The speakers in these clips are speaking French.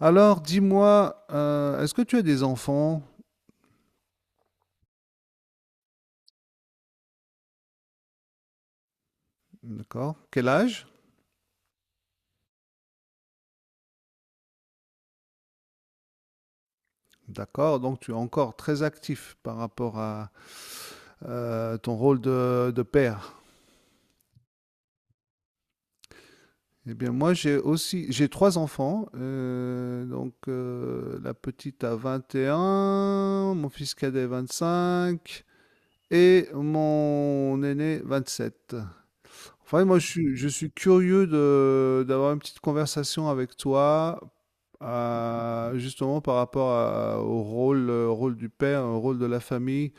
Alors, dis-moi, est-ce que tu as des enfants? D'accord. Quel âge? D'accord. Donc, tu es encore très actif par rapport à ton rôle de père. Eh bien, moi, j'ai aussi, j'ai trois enfants. Donc, la petite a 21, mon fils cadet 25 et mon aîné 27. Enfin, moi, je suis curieux d'avoir une petite conversation avec toi justement par rapport au rôle, rôle du père, au rôle de la famille,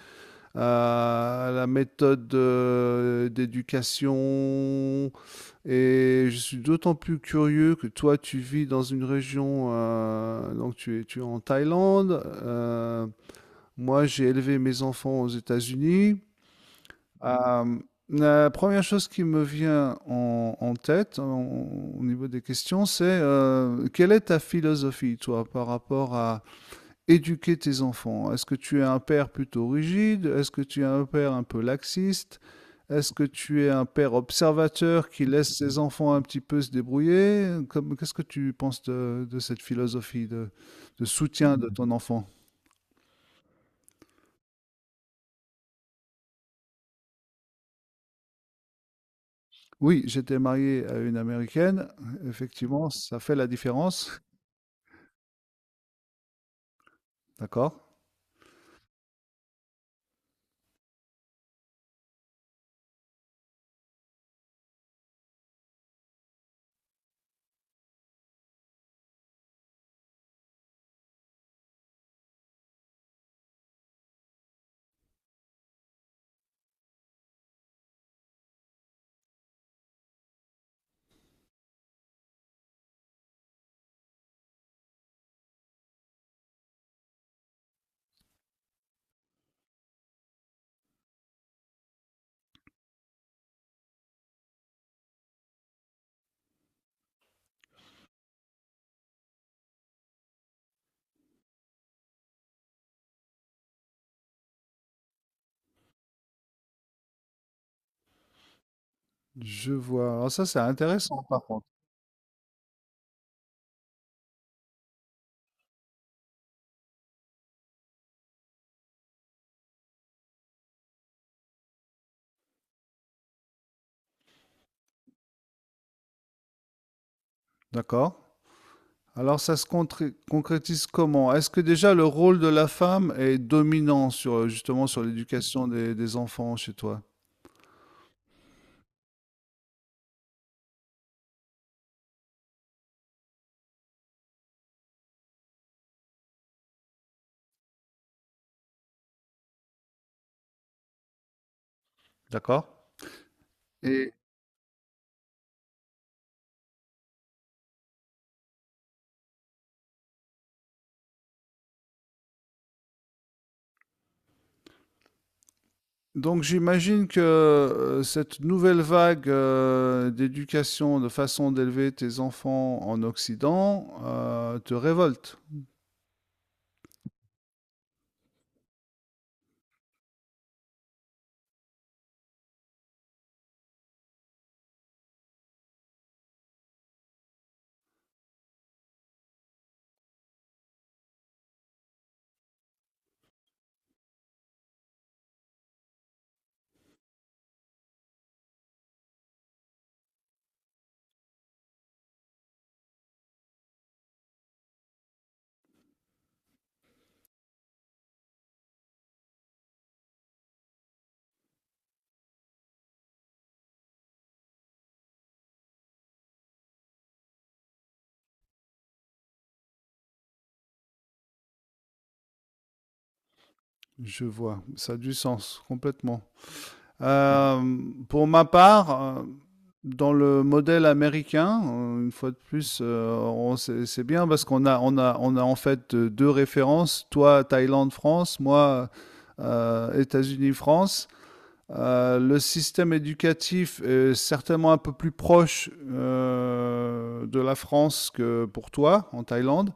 à la méthode, d'éducation. Et je suis d'autant plus curieux que toi, tu vis dans une région, donc tu es en Thaïlande. Moi, j'ai élevé mes enfants aux États-Unis. Euh, la première chose qui me vient en tête, au niveau des questions, c'est quelle est ta philosophie, toi, par rapport à, éduquer tes enfants. Est-ce que tu es un père plutôt rigide? Est-ce que tu es un père un peu laxiste? Est-ce que tu es un père observateur qui laisse ses enfants un petit peu se débrouiller? Qu'est-ce que tu penses de cette philosophie de soutien de ton enfant? Oui, j'étais marié à une Américaine. Effectivement, ça fait la différence. D'accord. Je vois. Alors ça, c'est intéressant. D'accord. Alors ça se concrétise comment? Est-ce que déjà le rôle de la femme est dominant sur, justement sur l'éducation des enfants chez toi? D'accord? Et donc j'imagine que, cette nouvelle vague, d'éducation, de façon d'élever tes enfants en Occident, te révolte. Je vois, ça a du sens complètement. Euh, pour ma part, dans le modèle américain, une fois de plus, on c'est bien parce qu'on a en fait, 2 références. Toi, Thaïlande, France, moi, États-Unis, France. Le système éducatif est certainement un peu plus proche, de la France que pour toi, en Thaïlande,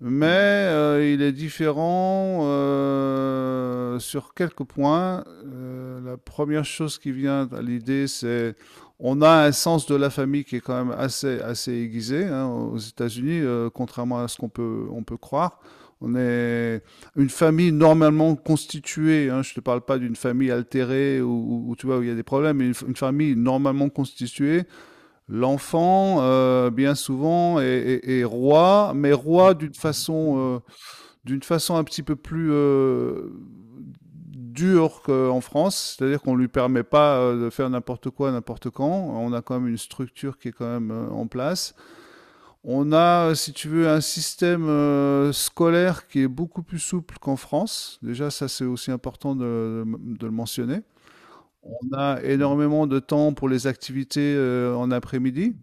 mais il est différent, sur quelques points. La première chose qui vient à l'idée, c'est on a un sens de la famille qui est quand même assez aiguisé, hein, aux États-Unis, contrairement à ce qu'on peut croire. On est une famille normalement constituée. Hein, je ne te parle pas d'une famille altérée ou tu vois où il y a des problèmes, mais une famille normalement constituée. L'enfant, bien souvent, est roi, mais roi d'une façon un petit peu plus, dure qu'en France. C'est-à-dire qu'on ne lui permet pas, de faire n'importe quoi, n'importe quand. On a quand même une structure qui est quand même, en place. On a, si tu veux, un système, scolaire qui est beaucoup plus souple qu'en France. Déjà, ça, c'est aussi important de le mentionner. On a énormément de temps pour les activités, en après-midi,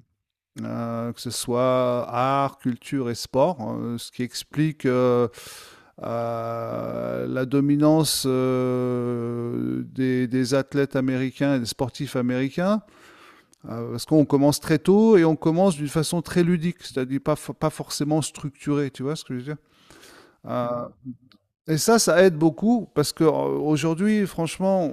que ce soit art, culture et sport, ce qui explique, la dominance, des athlètes américains et des sportifs américains, parce qu'on commence très tôt et on commence d'une façon très ludique, c'est-à-dire pas forcément structurée, tu vois ce que je veux dire. Euh, et ça aide beaucoup parce que, aujourd'hui, franchement,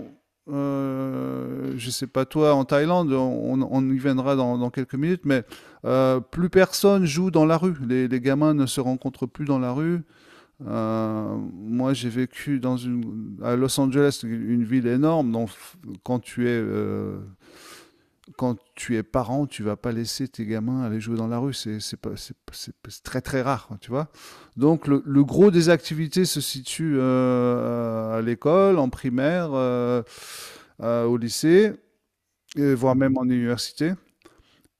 je sais pas toi en Thaïlande, on y viendra dans quelques minutes, mais plus personne joue dans la rue. Les gamins ne se rencontrent plus dans la rue. Moi, j'ai vécu à Los Angeles, une ville énorme. Donc, quand tu es euh, quand tu es parent, tu vas pas laisser tes gamins aller jouer dans la rue. C'est très très rare, hein, tu vois. Donc le gros des activités se situe, à l'école, en primaire, au lycée, et voire même en université.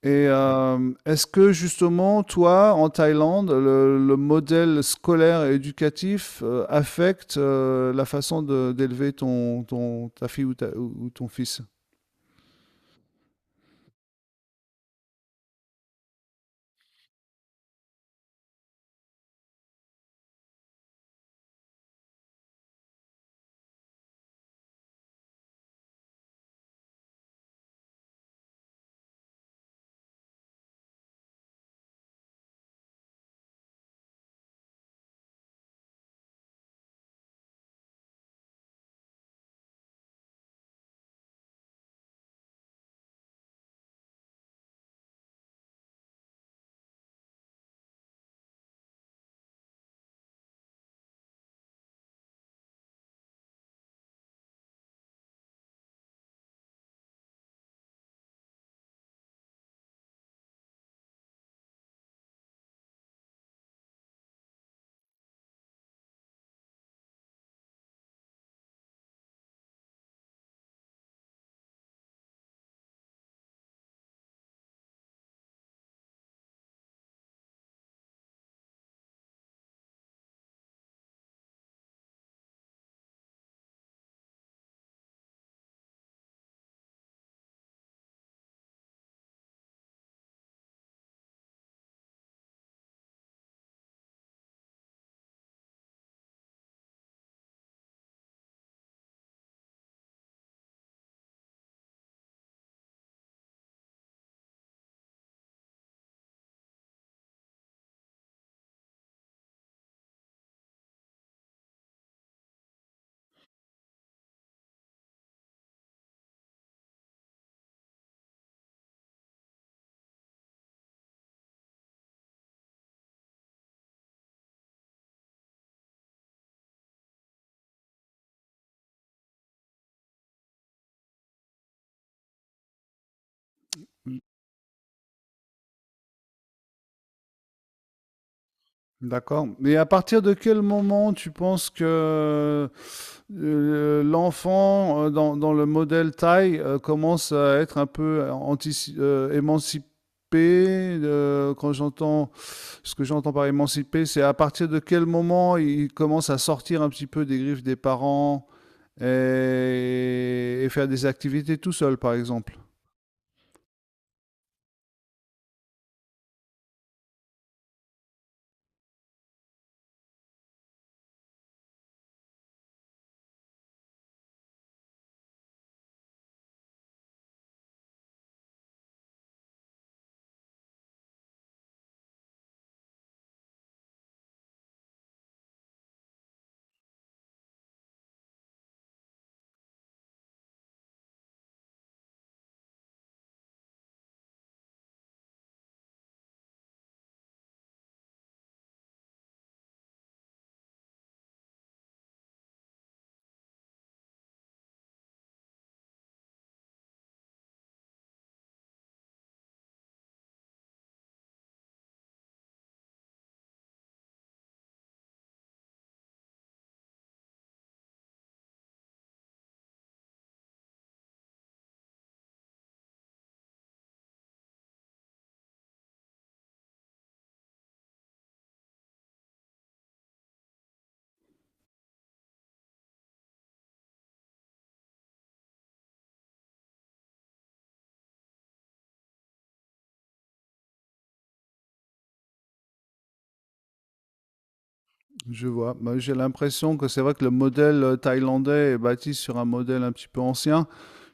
Et est-ce que justement, toi, en Thaïlande, le modèle scolaire et éducatif, affecte, la façon d'élever ta fille ou ton fils? D'accord. Mais à partir de quel moment tu penses que, l'enfant, dans le modèle taille, commence à être un peu, émancipé? Quand j'entends ce que j'entends par émancipé, c'est à partir de quel moment il commence à sortir un petit peu des griffes des parents et faire des activités tout seul, par exemple. Je vois. Bah, j'ai l'impression que c'est vrai que le modèle, thaïlandais est bâti sur un modèle un petit peu ancien.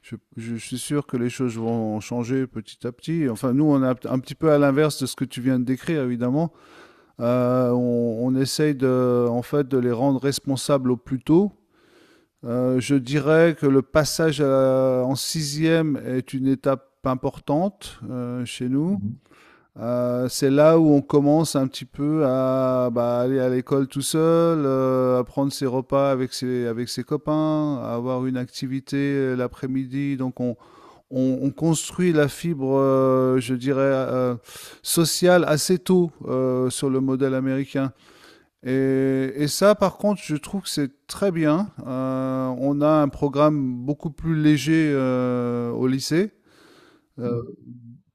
Je suis sûr que les choses vont changer petit à petit. Enfin, nous, on est un petit peu à l'inverse de ce que tu viens de décrire, évidemment. On essaye de, en fait, de les rendre responsables au plus tôt. Je dirais que le passage en sixième est une étape importante, chez nous. C'est là où on commence un petit peu à, bah, aller à l'école tout seul, à prendre ses repas avec ses copains, à avoir une activité, l'après-midi. Donc on construit la fibre, je dirais, sociale assez tôt, sur le modèle américain. Et ça, par contre, je trouve que c'est très bien. On a un programme beaucoup plus léger, au lycée. Euh,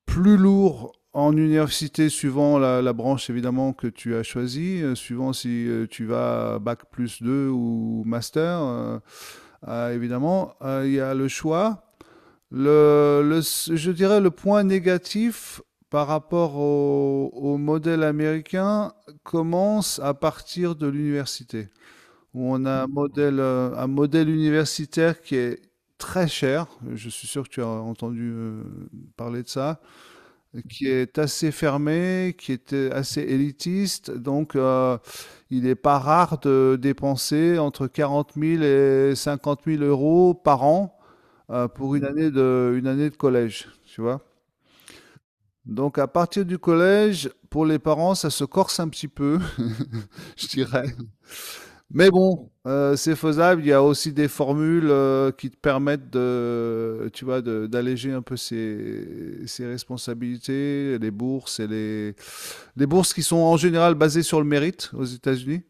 Plus lourd en université, suivant la branche évidemment que tu as choisie, suivant si, tu vas bac plus 2 ou master, évidemment, il y a le choix. Le Je dirais, le point négatif par rapport au modèle américain commence à partir de l'université, où on a un modèle universitaire qui est très cher. Je suis sûr que tu as entendu, parler de ça qui est assez fermé, qui est, assez élitiste. Donc, il n'est pas rare de dépenser entre 40 000 et 50 000 euros par an, pour une année de collège, tu vois. Donc, à partir du collège, pour les parents, ça se corse un petit peu, je dirais. Mais bon, c'est faisable. Il y a aussi des formules, qui te permettent de, tu vois, d'alléger un peu ses responsabilités, les bourses et les, Des bourses qui sont en général basées sur le mérite aux États-Unis,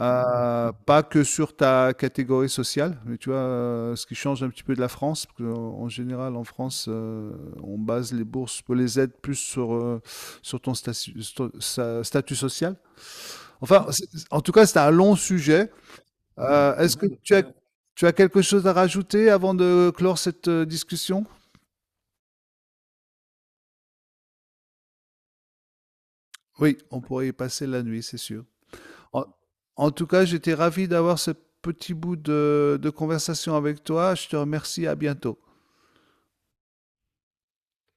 pas que sur ta catégorie sociale, mais tu vois, ce qui change un petit peu de la France, parce que, en général, en France, on base les bourses, les aides plus sur, sur ton statu- sto- sa- statut social. Enfin, en tout cas, c'est un long sujet. Est-ce que tu as quelque chose à rajouter avant de clore cette, discussion? Oui, on pourrait y passer la nuit, c'est sûr. En, en tout cas, j'étais ravi d'avoir ce petit bout de conversation avec toi. Je te remercie. À bientôt.